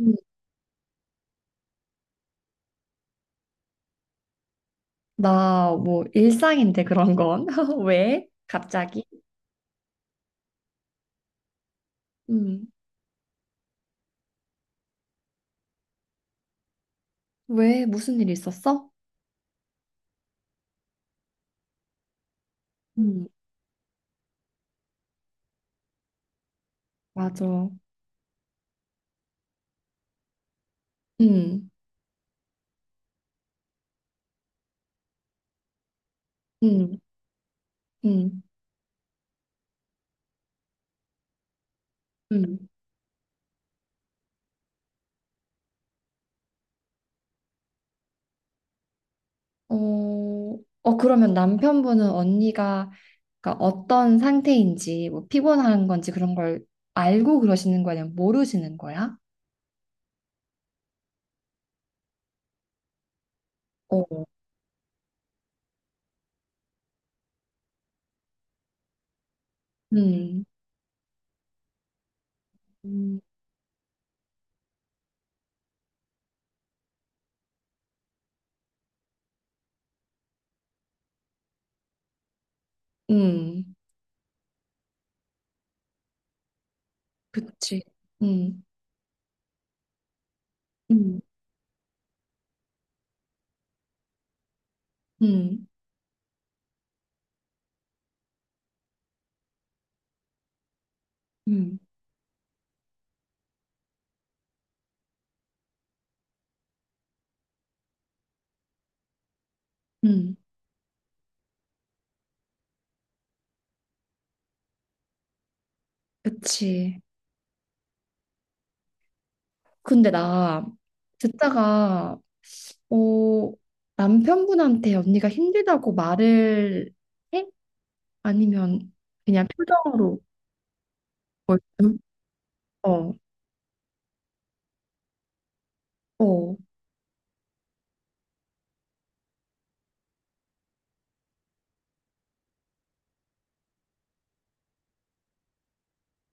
음. 나 뭐 일상인데 그런 건. 왜? 갑자기? 음. 왜? 무슨 일 있었어? 음. 맞아. 음. 음. 음. 음. 어, 그러면 남편분은 언니가 그러니까 어떤 상태인지 뭐 피곤한 건지 그런 걸 알고 그러시는 거야? 아니면 모르시는 거야? 어. 음. 음. 음. 그치. 음. 음. 음. 음. 음. 그치. 근데 나 듣다가 어, 남편분한테 언니가 힘들다고 말을 해? 아니면 그냥 표정으로 뭘 좀? 어, 어,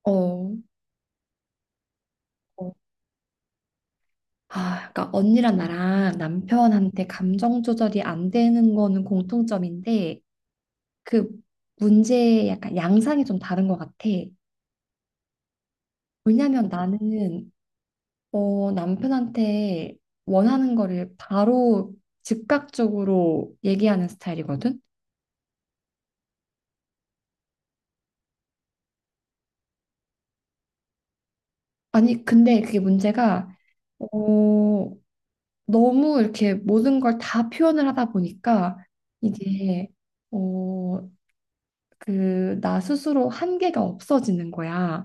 어, 어. 아, 그러니까 언니랑 나랑 남편한테 감정 조절이 안 되는 거는 공통점인데 그 문제의 약간 양상이 좀 다른 것 같아. 왜냐면 나는 남편한테 원하는 거를 바로 즉각적으로 얘기하는 스타일이거든? 아니, 근데 그게 문제가, 어, 너무 이렇게 모든 걸 다 표현을 하다 보니까 이게, 어, 그, 나 스스로 한계가 없어지는 거야.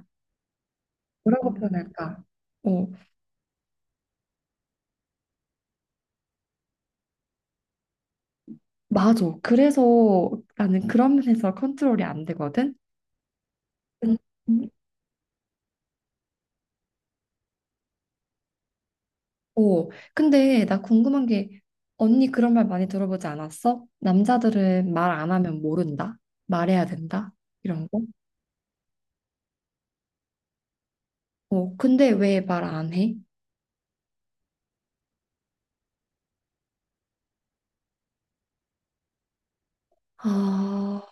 뭐라고 표현할까? 어, 맞아. 그래서 나는 그런 면에서 컨트롤이 안 되거든? 음. 오, 근데 나 궁금한 게 언니 그런 말 많이 들어보지 않았어? 남자들은 말 안 하면 모른다. 말해야 된다. 이런 거. 어, 근데 왜 말 안 해? 아,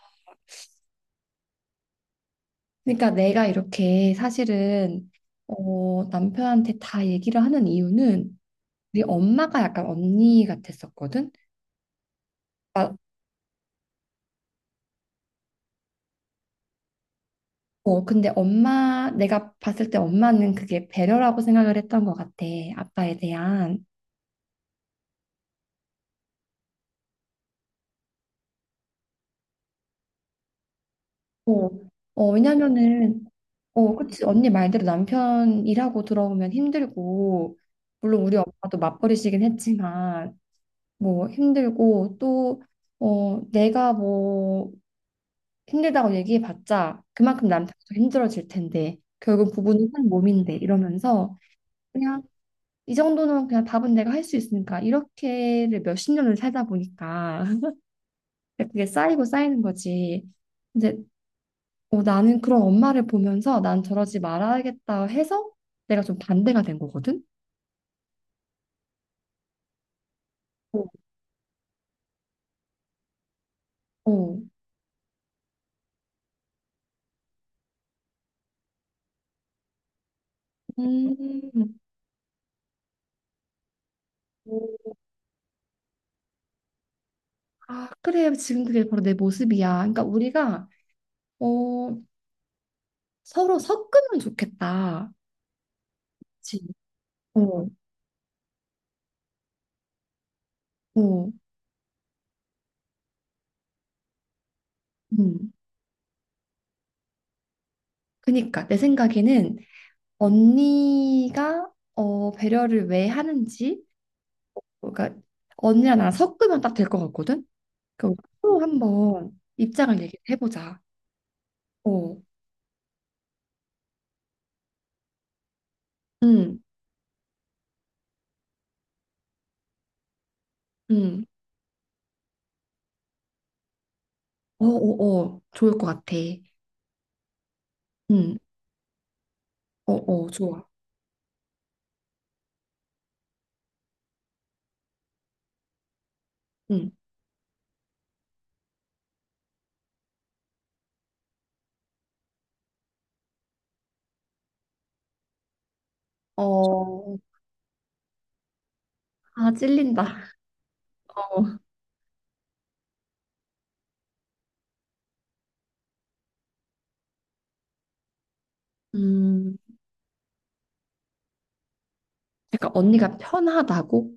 그러니까 내가 이렇게 사실은 남편한테 다 얘기를 하는 이유는 우리 엄마가 약간 언니 같았었거든. 아, 근데 엄마 내가 봤을 때 엄마는 그게 배려라고 생각을 했던 것 같아. 아빠에 대한. 어, 어, 왜냐면은 그치. 언니 말대로 남편 일하고 들어오면 힘들고, 물론 우리 엄마도 맞벌이시긴 했지만, 뭐 힘들고, 또, 어, 내가 뭐 힘들다고 얘기해봤자 그만큼 남편도 힘들어질 텐데, 결국 부부는 한 몸인데, 이러면서 그냥 이 정도는 그냥 밥은 내가 할 수 있으니까, 이렇게를 몇십 년을 살다 보니까, 그게 쌓이고 쌓이는 거지. 근데 나는 그런 엄마를 보면서 난 저러지 말아야겠다 해서 내가 좀 반대가 된 거거든. 어, 어. 음. 아, 그래. 지금 그게 바로 내 모습이야. 그러니까 우리가 어, 서로 섞으면 좋겠다. 그치. 어, 어, 음. 그니까 내 생각에는 언니가 배려를 왜 하는지, 그러니까 언니랑 나랑 섞으면 딱 될 것 같거든. 그러니까 서로 한번 입장을 얘기해보자. 어, 음, 음. 어, 어, 어, 좋을 것 같아. 응, 어, 어, 좋아. 응. 어, 아, 찔린다. 어. 음, 약간 언니가 편하다고?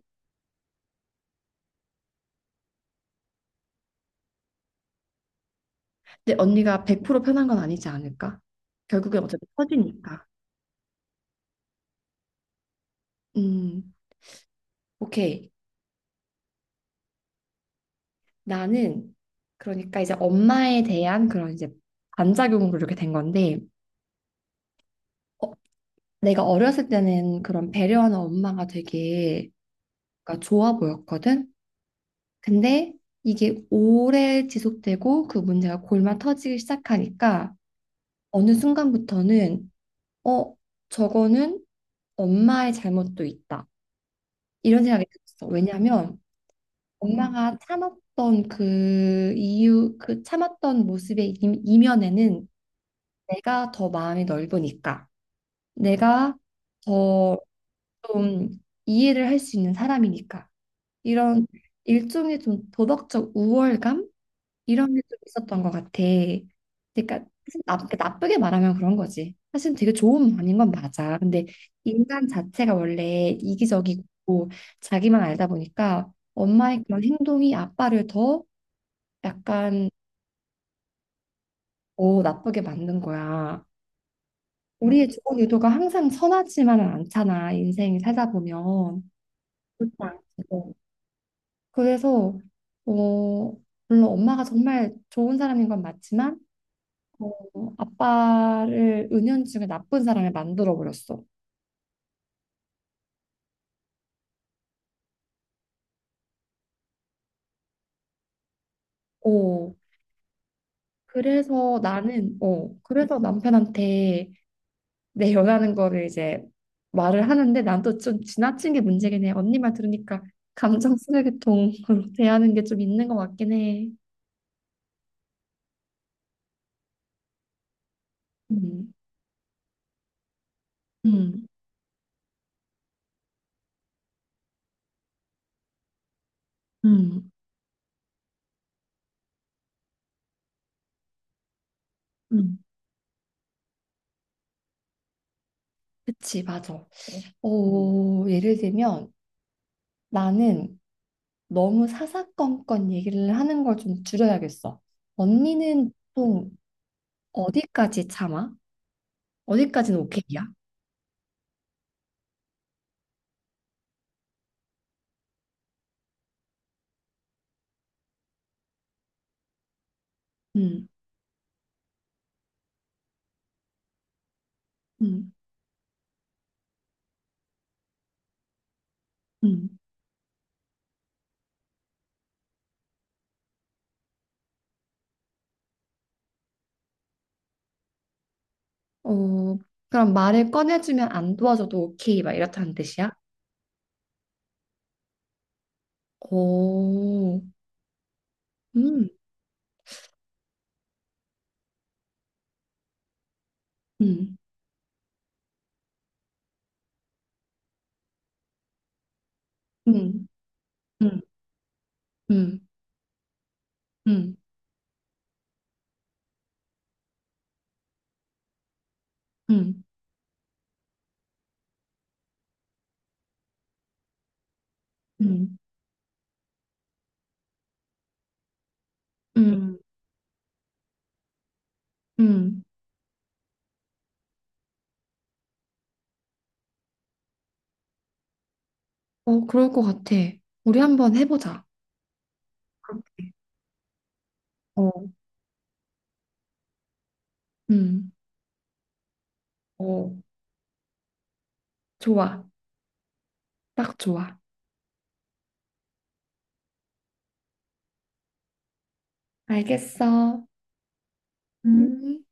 근데 언니가 100% 편한 건 아니지 않을까? 결국엔 어차피 터지니까. 음, 오케이. 나는, 그러니까 이제 엄마에 대한 그런 이제 반작용으로 이렇게 된 건데, 어, 내가 어렸을 때는 그런 배려하는 엄마가 되게 그러니까 좋아 보였거든? 근데 이게 오래 지속되고 그 문제가 골마 터지기 시작하니까 어느 순간부터는 어, 저거는 엄마의 잘못도 있다. 이런 생각이 들었어. 왜냐하면 엄마가 참았던 그 이유, 그 참았던 모습의 이면에는 내가 더 마음이 넓으니까, 내가 더 좀 이해를 할 수 있는 사람이니까, 이런 일종의 좀 도덕적 우월감? 이런 게 좀 있었던 것 같아. 그러니까 사실 나, 그러니까 나쁘게 말하면 그런 거지. 사실 되게 좋은 반인 건 맞아. 근데 인간 자체가 원래 이기적이고 자기만 알다 보니까 엄마의 그런 행동이 아빠를 더 약간 더 나쁘게 만든 거야. 우리의 좋은 의도가 항상 선하지만은 않잖아. 인생을 살다 보면. 그렇지 않지. 어. 그래서 어, 물론 엄마가 정말 좋은 사람인 건 맞지만 아빠를 은연중에 나쁜 사람을 만들어 버렸어. 어, 그래서 나는, 그래서 남편한테 내 연하는 거를 이제 말을 하는데 난 또 좀 지나친 게 문제긴 해. 언니 말 들으니까 감정 쓰레기통으로 대하는 게 좀 있는 것 같긴 해. 음, 음, 음, 음. 그치, 맞아. 어, 예를 들면 나는 너무 사사건건 얘기를 하는 걸 좀 줄여야겠어. 언니는 보통 어디까지 참아? 어디까지는 오케이야? 음, 음, 음. 어, 그럼 말을 꺼내주면 안 도와줘도 오케이, 막 이렇다는 뜻이야? 오, 음, 음, 음, 음, 음, 음, 음, 음, 음, 음. 어, 그럴 것 같아. 우리 한번 해보자. 그렇게. 어, 음, 어, 좋아. 딱 좋아. 알겠어. 음. 음.